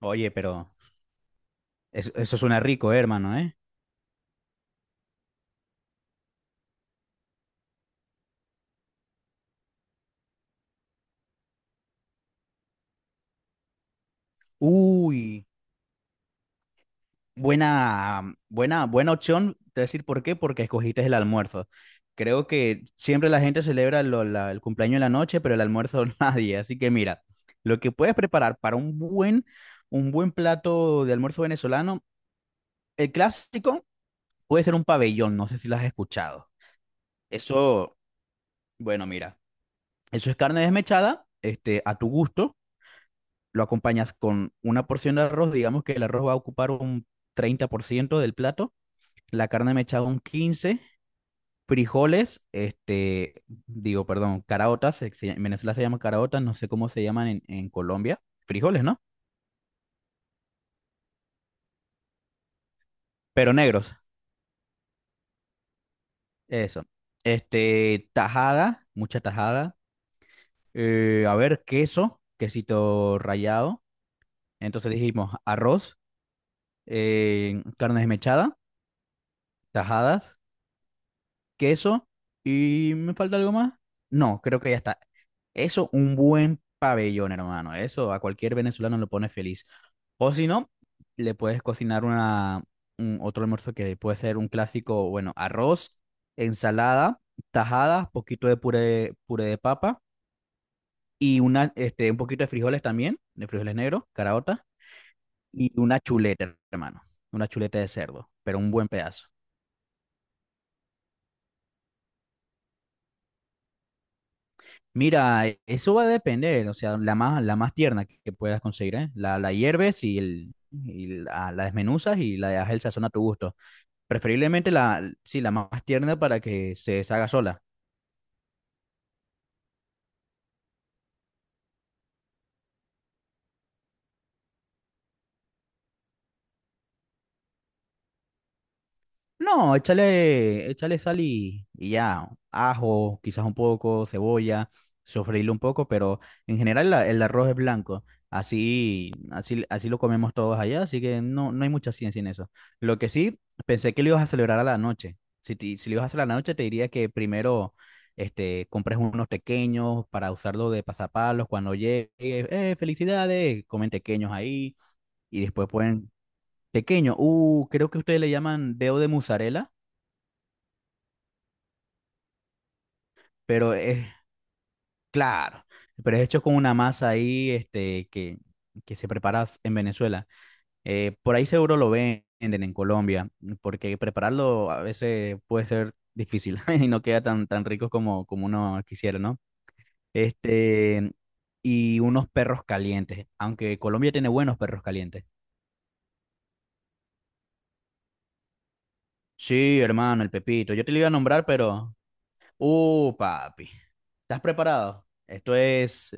Oye, pero eso suena rico, hermano, ¿eh? Uy, buena opción. Te voy a decir por qué, porque escogiste el almuerzo. Creo que siempre la gente celebra el cumpleaños en la noche, pero el almuerzo nadie. Así que mira, lo que puedes preparar para un buen plato de almuerzo venezolano, el clásico puede ser un pabellón, no sé si lo has escuchado. Eso, bueno, mira, eso es carne desmechada, a tu gusto lo acompañas con una porción de arroz, digamos que el arroz va a ocupar un 30% del plato, la carne mechada un 15%, frijoles, digo, perdón, caraotas, en Venezuela se llaman caraotas, no sé cómo se llaman en Colombia, frijoles, ¿no? Pero negros, eso. Tajada, mucha tajada, a ver, queso, quesito rallado, entonces dijimos arroz, carne desmechada, tajadas, queso y me falta algo más. No, creo que ya está. Eso, un buen pabellón, hermano. Eso a cualquier venezolano lo pone feliz. O si no, le puedes cocinar otro almuerzo que puede ser un clásico, bueno, arroz, ensalada, tajada, poquito de puré, puré de papa y un poquito de frijoles también, de frijoles negros, caraotas, y una chuleta, hermano. Una chuleta de cerdo, pero un buen pedazo. Mira, eso va a depender, o sea, la más tierna que puedas conseguir, ¿eh? La hierves y, la desmenuzas y la dejas el sazón a tu gusto. Preferiblemente sí, la más tierna para que se deshaga sola. No, échale sal y ya, ajo, quizás un poco, cebolla, sofreírlo un poco, pero en general el arroz es blanco. Así lo comemos todos allá, así que no, no hay mucha ciencia en eso. Lo que sí, pensé que lo ibas a celebrar a la noche. Si lo ibas a hacer a la noche, te diría que primero compres unos pequeños para usarlo de pasapalos cuando llegue. ¡Eh, felicidades! Comen pequeños ahí y después pueden... Pequeño, creo que ustedes le llaman dedo de mozzarella, pero es, claro, pero es hecho con una masa ahí, que se prepara en Venezuela. Por ahí seguro lo venden en Colombia, porque prepararlo a veces puede ser difícil y no queda tan, tan rico como uno quisiera, ¿no? Este, y unos perros calientes, aunque Colombia tiene buenos perros calientes. Sí, hermano, el Pepito. Yo te lo iba a nombrar, pero... Papi. ¿Estás preparado? Esto es...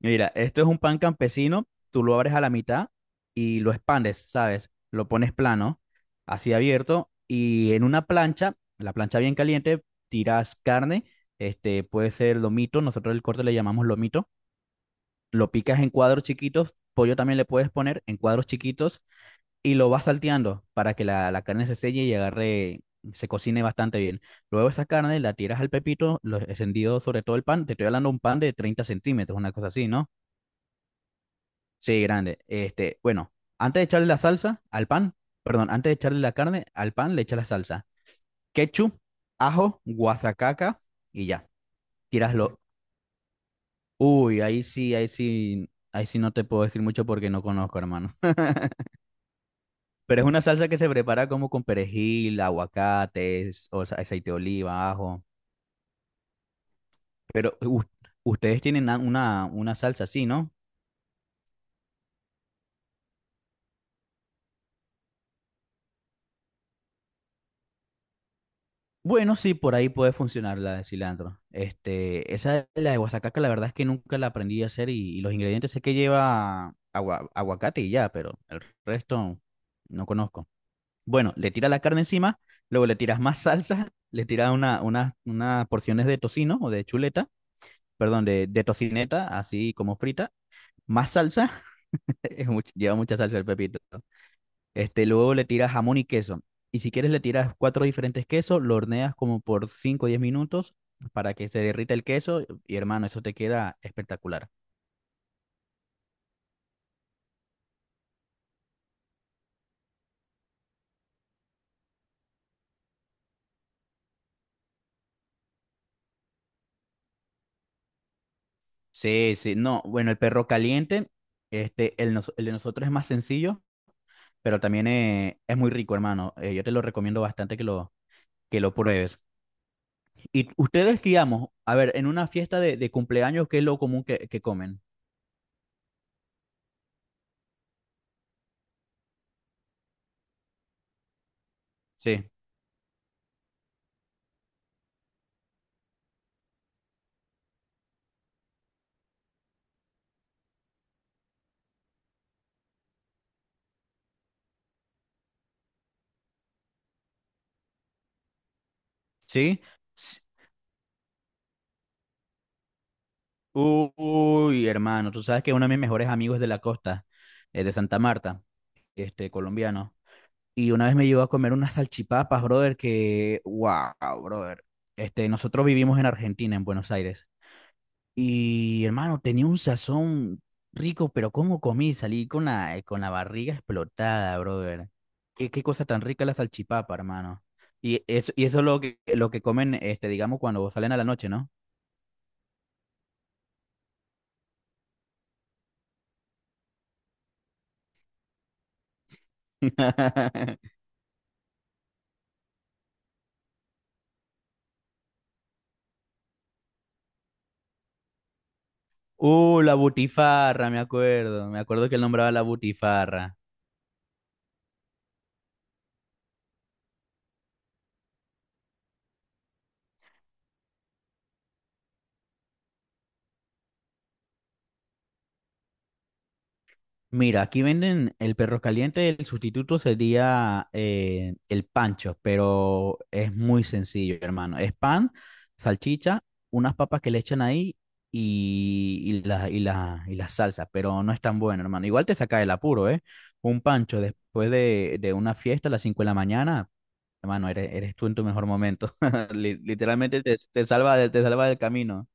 Mira, esto es un pan campesino, tú lo abres a la mitad y lo expandes, ¿sabes? Lo pones plano, así abierto, y en una plancha, la plancha bien caliente, tiras carne, este puede ser lomito, nosotros el corte le llamamos lomito, lo picas en cuadros chiquitos, pollo también le puedes poner en cuadros chiquitos y lo vas salteando para que la carne se selle y agarre, se cocine bastante bien. Luego esa carne la tiras al pepito, lo extendido sobre todo el pan, te estoy hablando de un pan de 30 centímetros, una cosa así, ¿no? Sí, grande. Bueno, antes de echarle la salsa al pan, perdón, antes de echarle la carne al pan, le echas la salsa. Ketchup, ajo, guasacaca y ya. Tíraslo. Uy, ahí sí, ahí sí, ahí sí no te puedo decir mucho porque no conozco, hermano. Pero es una salsa que se prepara como con perejil, aguacates, o sea, aceite de oliva, ajo. Pero ustedes tienen una salsa así, ¿no? Bueno, sí, por ahí puede funcionar la de cilantro. Esa de la de guasacaca, la verdad es que nunca la aprendí a hacer y los ingredientes sé que lleva aguacate y ya, pero el resto no conozco. Bueno, le tiras la carne encima, luego le tiras más salsa, le tiras unas porciones de tocino o de chuleta, perdón, de tocineta, así como frita, más salsa, lleva mucha salsa el pepito. Luego le tiras jamón y queso. Y si quieres le tiras cuatro diferentes quesos, lo horneas como por 5 o 10 minutos para que se derrita el queso. Y hermano, eso te queda espectacular. Sí, sí, no, bueno, el perro caliente, el de nosotros es más sencillo, pero también es muy rico, hermano. Yo te lo recomiendo bastante que lo pruebes. Y ustedes, digamos, a ver, en una fiesta de cumpleaños, ¿qué es lo común que comen? Sí, sí. Uy, hermano, tú sabes que uno de mis mejores amigos es de la costa, de Santa Marta, colombiano. Y una vez me llevó a comer unas salchipapas, brother, que, wow, brother. Nosotros vivimos en Argentina, en Buenos Aires. Y, hermano, tenía un sazón rico, pero ¿cómo comí? Salí con la barriga explotada, brother. Qué cosa tan rica la salchipapa, hermano. Y eso es lo que comen, digamos, cuando salen a la noche, ¿no? La butifarra, me acuerdo. Me acuerdo que él nombraba la butifarra. Mira, aquí venden el perro caliente, el sustituto sería, el pancho, pero es muy sencillo, hermano. Es pan, salchicha, unas papas que le echan ahí y la salsa, pero no es tan bueno, hermano. Igual te saca del apuro, ¿eh? Un pancho después de una fiesta a las 5 de la mañana, hermano, eres tú en tu mejor momento. Literalmente te salva, te salva del camino.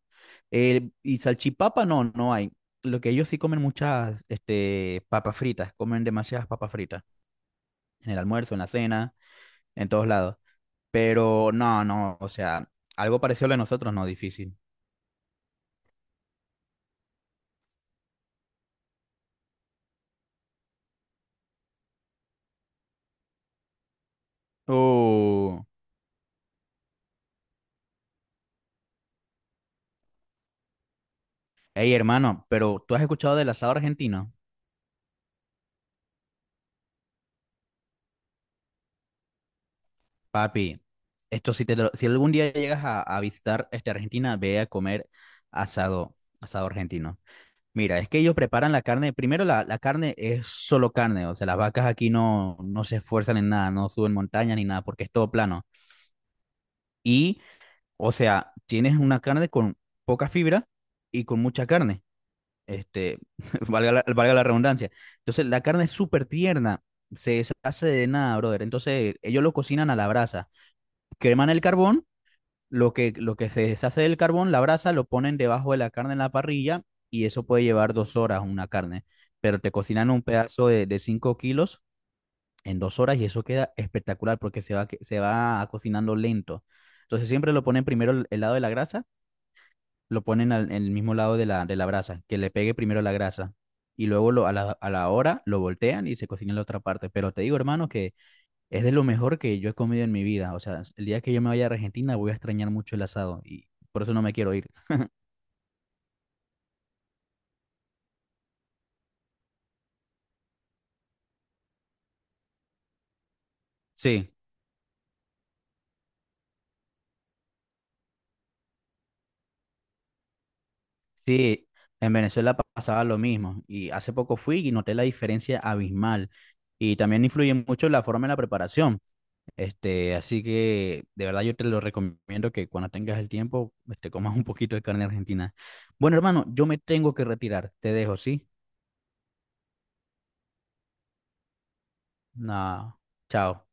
Y salchipapa no hay. Lo que ellos sí comen muchas, papas fritas, comen demasiadas papas fritas, en el almuerzo, en la cena, en todos lados. Pero no, o sea, algo parecido a lo de nosotros, no, difícil. Uh, Hey hermano, pero ¿tú has escuchado del asado argentino? Papi, esto, si algún día llegas a visitar, Argentina, ve a comer asado, argentino. Mira, es que ellos preparan la carne. Primero, la carne es solo carne. O sea, las vacas aquí no se esfuerzan en nada, no suben montañas ni nada, porque es todo plano. Y, o sea, tienes una carne con poca fibra y con mucha carne. Este, valga la redundancia. Entonces, la carne es súper tierna. Se deshace de nada, brother. Entonces, ellos lo cocinan a la brasa. Queman el carbón, lo que se deshace del carbón, la brasa, lo ponen debajo de la carne en la parrilla y eso puede llevar 2 horas una carne. Pero te cocinan un pedazo de 5 kilos en 2 horas y eso queda espectacular porque se va, se va cocinando lento. Entonces siempre lo ponen primero el lado de la grasa, lo ponen en el mismo lado de la brasa, que le pegue primero la grasa. Y luego a la hora lo voltean y se cocina en la otra parte. Pero te digo, hermano, que es de lo mejor que yo he comido en mi vida. O sea, el día que yo me vaya a Argentina voy a extrañar mucho el asado y por eso no me quiero ir. Sí, sí, en Venezuela pasaba lo mismo y hace poco fui y noté la diferencia abismal y también influye mucho la forma de la preparación. Así que de verdad yo te lo recomiendo que cuando tengas el tiempo, comas un poquito de carne argentina. Bueno, hermano, yo me tengo que retirar. Te dejo, ¿sí? Nada, chao.